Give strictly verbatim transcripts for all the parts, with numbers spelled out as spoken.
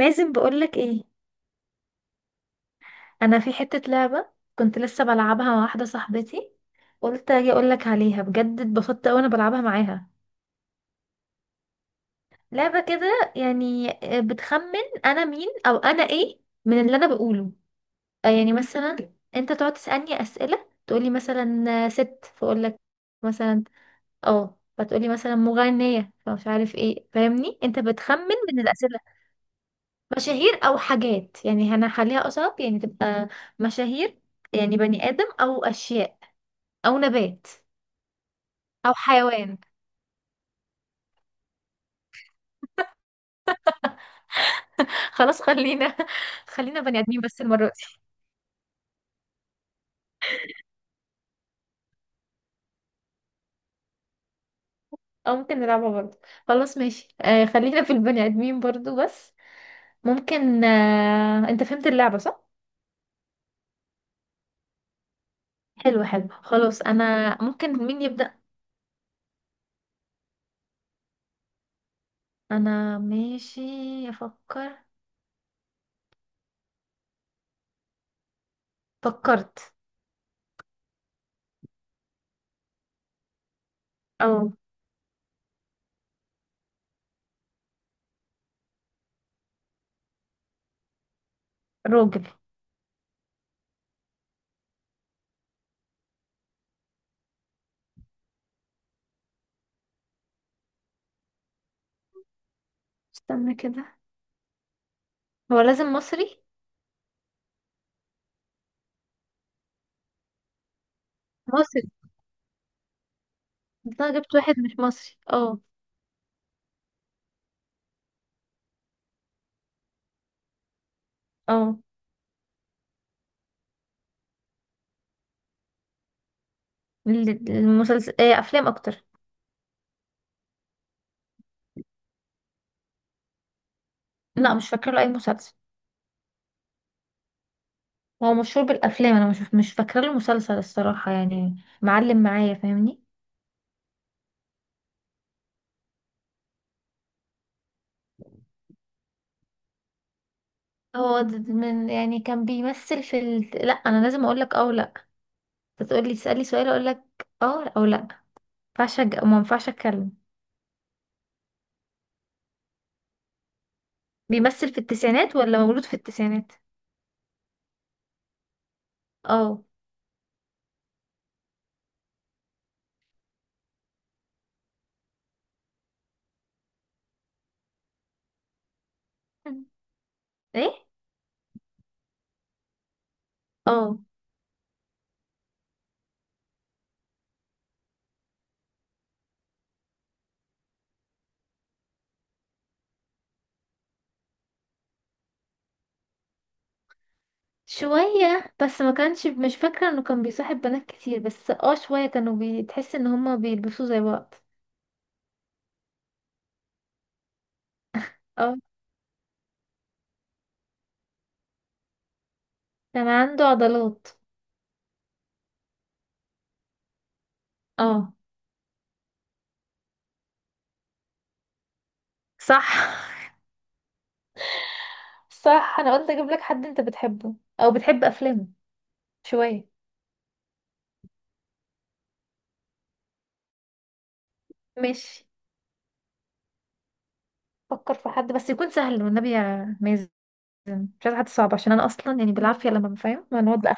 لازم بقولك ايه. انا في حتة لعبة، كنت لسه بلعبها مع واحدة صاحبتي. قلت اجي اقولك عليها، بجد اتبسطت اوي انا بلعبها معاها. لعبة كده يعني. آه، بتخمن انا مين او انا ايه من اللي انا بقوله. آه، يعني مثلا انت تقعد تسألني اسئلة، تقولي مثلا آه، ست، فاقولك مثلا. اه فتقولي مثلا مغنية فمش عارف ايه، فاهمني؟ انت بتخمن من الاسئلة. مشاهير او حاجات، يعني هنخليها اصعب، يعني تبقى مشاهير. يعني بني ادم او اشياء او نبات او حيوان. خلاص خلينا. خلينا بني ادمين بس المره دي. او ممكن نلعبها برضه. خلاص ماشي، آه خلينا في البني ادمين برضه. بس ممكن، آه، انت فهمت اللعبه صح؟ حلو حلو. خلاص انا ممكن مين يبدا؟ انا ماشي. افكر. فكرت. او راجل. استنى كده، هو لازم مصري؟ مصري. ده جبت واحد مش مصري، اه. اه. ال- المسلسل، آه افلام اكتر. لا مش فاكره له اي مسلسل. هو مشهور بالافلام، انا مش مش فاكره له مسلسل الصراحه يعني. معلم معايا، فاهمني؟ هو د- د- من، يعني كان بيمثل في ال... لا انا لازم اقول لك اه ولا تقول لي؟ تسالي سؤال اقول لك اه او لا. ما ينفعش أج- ما ينفعش اتكلم. بيمثل في التسعينات ولا مولود في التسعينات؟ اه. ايه؟ اه. شوية بس، ما كانش، مش فاكرة انه كان بيصاحب بنات كتير، بس اه شوية كانوا بتحس ان هما بيلبسوا زي بعض. اه كان عنده عضلات. اه. صح. صح، انا قلت اجيب لك حد انت بتحبه او بتحب افلامه شوية. ماشي، فكر في حد بس يكون سهل والنبي يا مازن. مش عايزة حد صعب عشان انا اصلا يعني بالعافية لما بفهم ما نقعد بقى.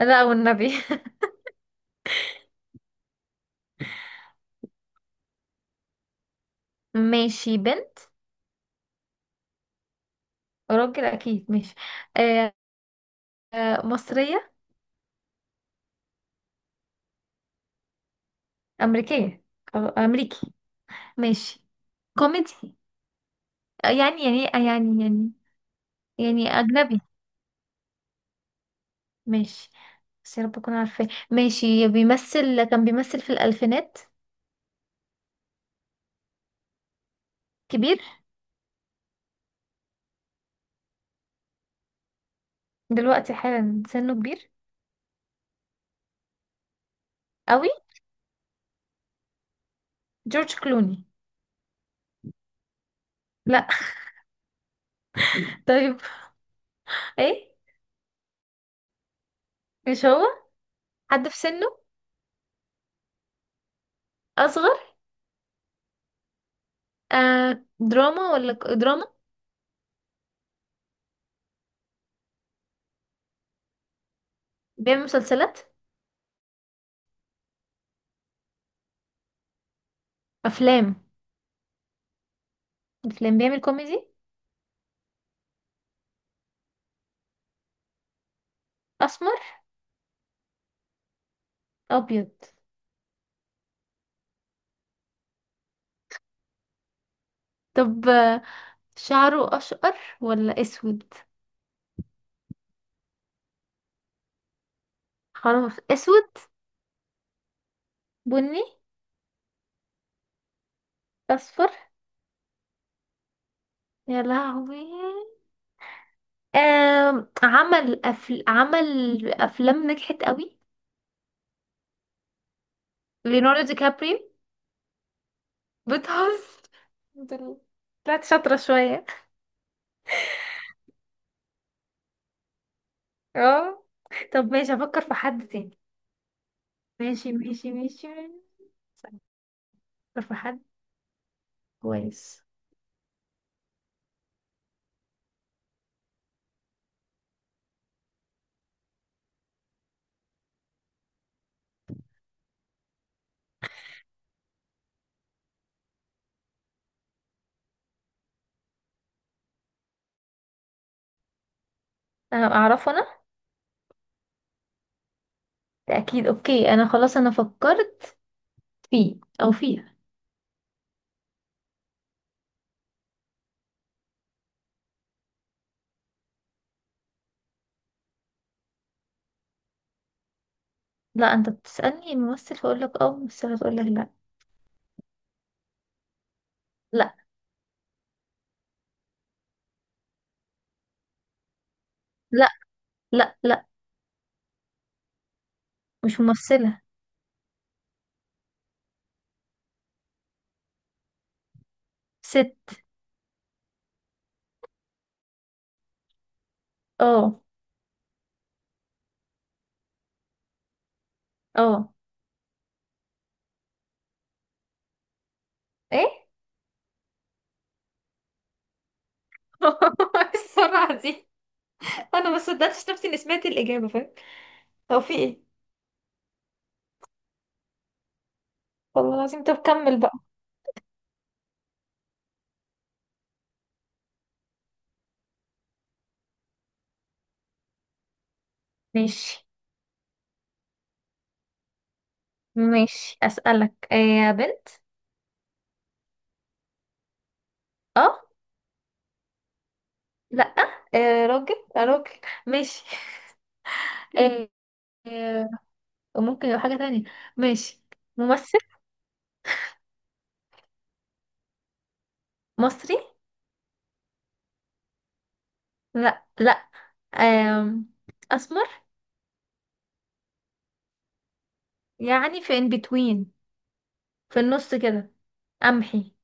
لا والنبي. ماشي، بنت؟ راجل اكيد، ماشي. آه. آه، مصرية؟ امريكية. آه، امريكي. ماشي. كوميدي. يعني يعني يعني يعني. يعني أجنبي. ماشي. بس يا رب أكون عارفاه. ماشي بيمثل، كان بيمثل في الألفينات. كبير. دلوقتي حالا سنه كبير. قوي. جورج كلوني. لا. طيب. ايه؟ مش هو. حد في سنه. أصغر. آه دراما ولا ك- دراما؟ بيعمل مسلسلات. أفلام. أفلام. بيعمل كوميدي. أسمر. أبيض. طب، آه، شعره أشقر ولا أسود؟ خلاص أسود. بني. اصفر. يا لهوي. آم، عمل أفل... عمل افلام نجحت قوي. ليوناردو دي كابريو. بتهزر؟ الحمد لله. طلعت شاطرة شوية. اه. طب ماشي افكر في حد تاني. ماشي ماشي ماشي. افكر في حد. كويس. انا اعرفه انا؟ ده اكيد. اوكي انا خلاص انا فكرت. فيه. او فيها. لا انت بتسألني ممثل فاقول لك اه، ممثلة تقول لك لا. لا. لا لا. لا. مش ممثلة. ست. اه. اه. ايه؟ السرعة دي! انا ما صدقتش نفسي اني سمعت الإجابة، فاهم؟ هو في ايه؟ والله العظيم. طب كمل بقى. ماشي. ماشي أسألك، آه، يا بنت؟ اه. لا. آه راجل، آه راجل. ماشي. آه، آه، ممكن يبقى حاجة تانية. ماشي. ممثل. مصري؟ لا لا. آم، أسمر. يعني في in between، في النص كده. قمحي.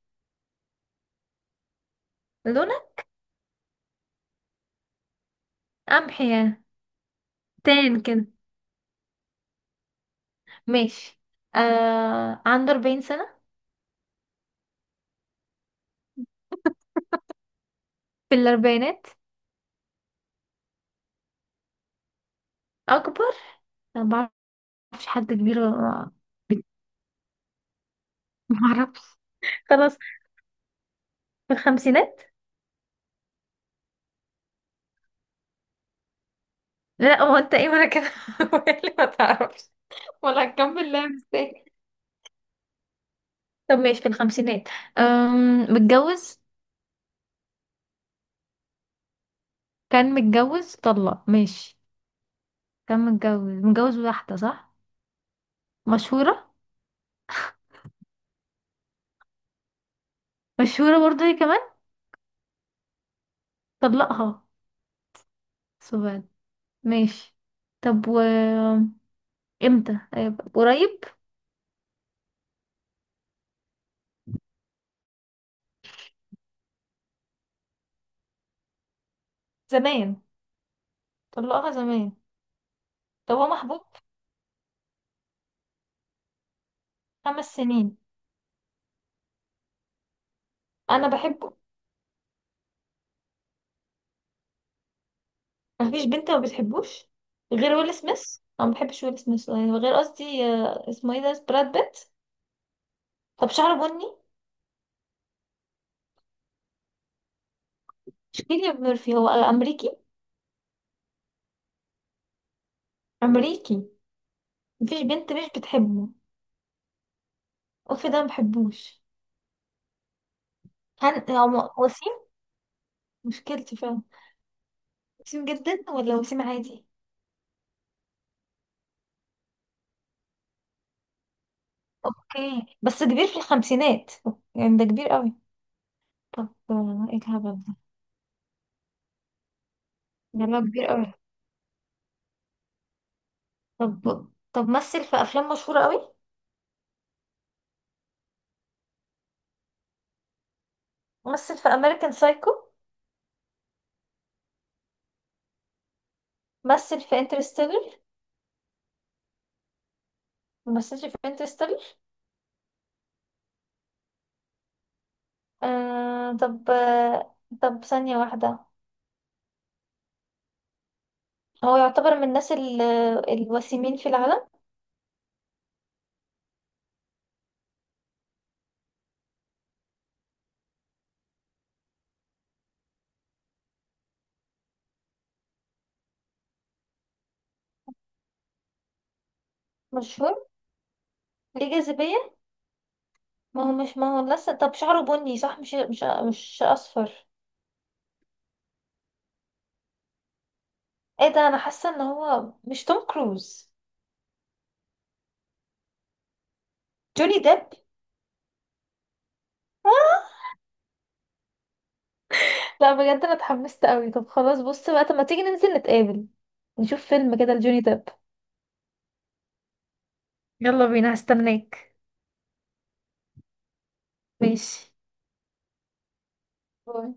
لونك. قمحي يعني. تان كده. ماشي. آه عنده أربعين سنة. في الأربعينات. أكبر. أنا ما بعرفش حد كبير ولا- ما بعرفش. خلاص في الخمسينات. لا هو أنت إيه؟ ما أنا كده. اللي ما تعرفش، ولا هكمل؟ لا، مستني. طب ماشي في الخمسينات. أم متجوز؟ كان متجوز، طلق، ماشي. كان متجوز. متجوز واحدة صح؟ مشهورة. مشهورة برضه هي كمان. طلقها. سبحان. ماشي. طب، و امتى؟ أيوة، قريب. زمان. طلقها زمان. طب هو محبوب؟ خمس سنين. انا بحبه. مفيش بنت ما بتحبوش. غير ويل سميث، انا ما بحبش ويل سميث يعني. غير قصدي، آه، اسمه ايه، ده براد بيت. طب شعره بني. كيليان ميرفي، هو امريكي؟ امريكي. مفيش بنت مش بتحبه. اوف، ده ما بحبوش. هن... هو م- وسيم. مشكلتي فعلا. وسيم جدا ولا وسيم عادي؟ اوكي بس كبير في الخمسينات، يعني ده كبير قوي. طب، آه، ايه الهبل ده؟ ده اللي هو كبير قوي. طب طب مثل في افلام مشهورة قوي. مثل في امريكان سايكو. مثل في انترستيلر. ممثلش في انترستيلر. آه طب آه. طب ثانية واحدة. هو يعتبر من الناس ال- الوسيمين في العالم. مشهور. ليه جاذبية. ما هو مش ما هو لسه طب شعره بني صح، مش مش مش أصفر. ايه ده! انا حاسة ان هو مش توم كروز. جوني ديب. آه! لا بجد انا اتحمست قوي. طب خلاص بص بقى، طب ما تيجي ننزل نتقابل نشوف فيلم كده لجوني ديب. يلا بينا، هستناك. ماشي. باي.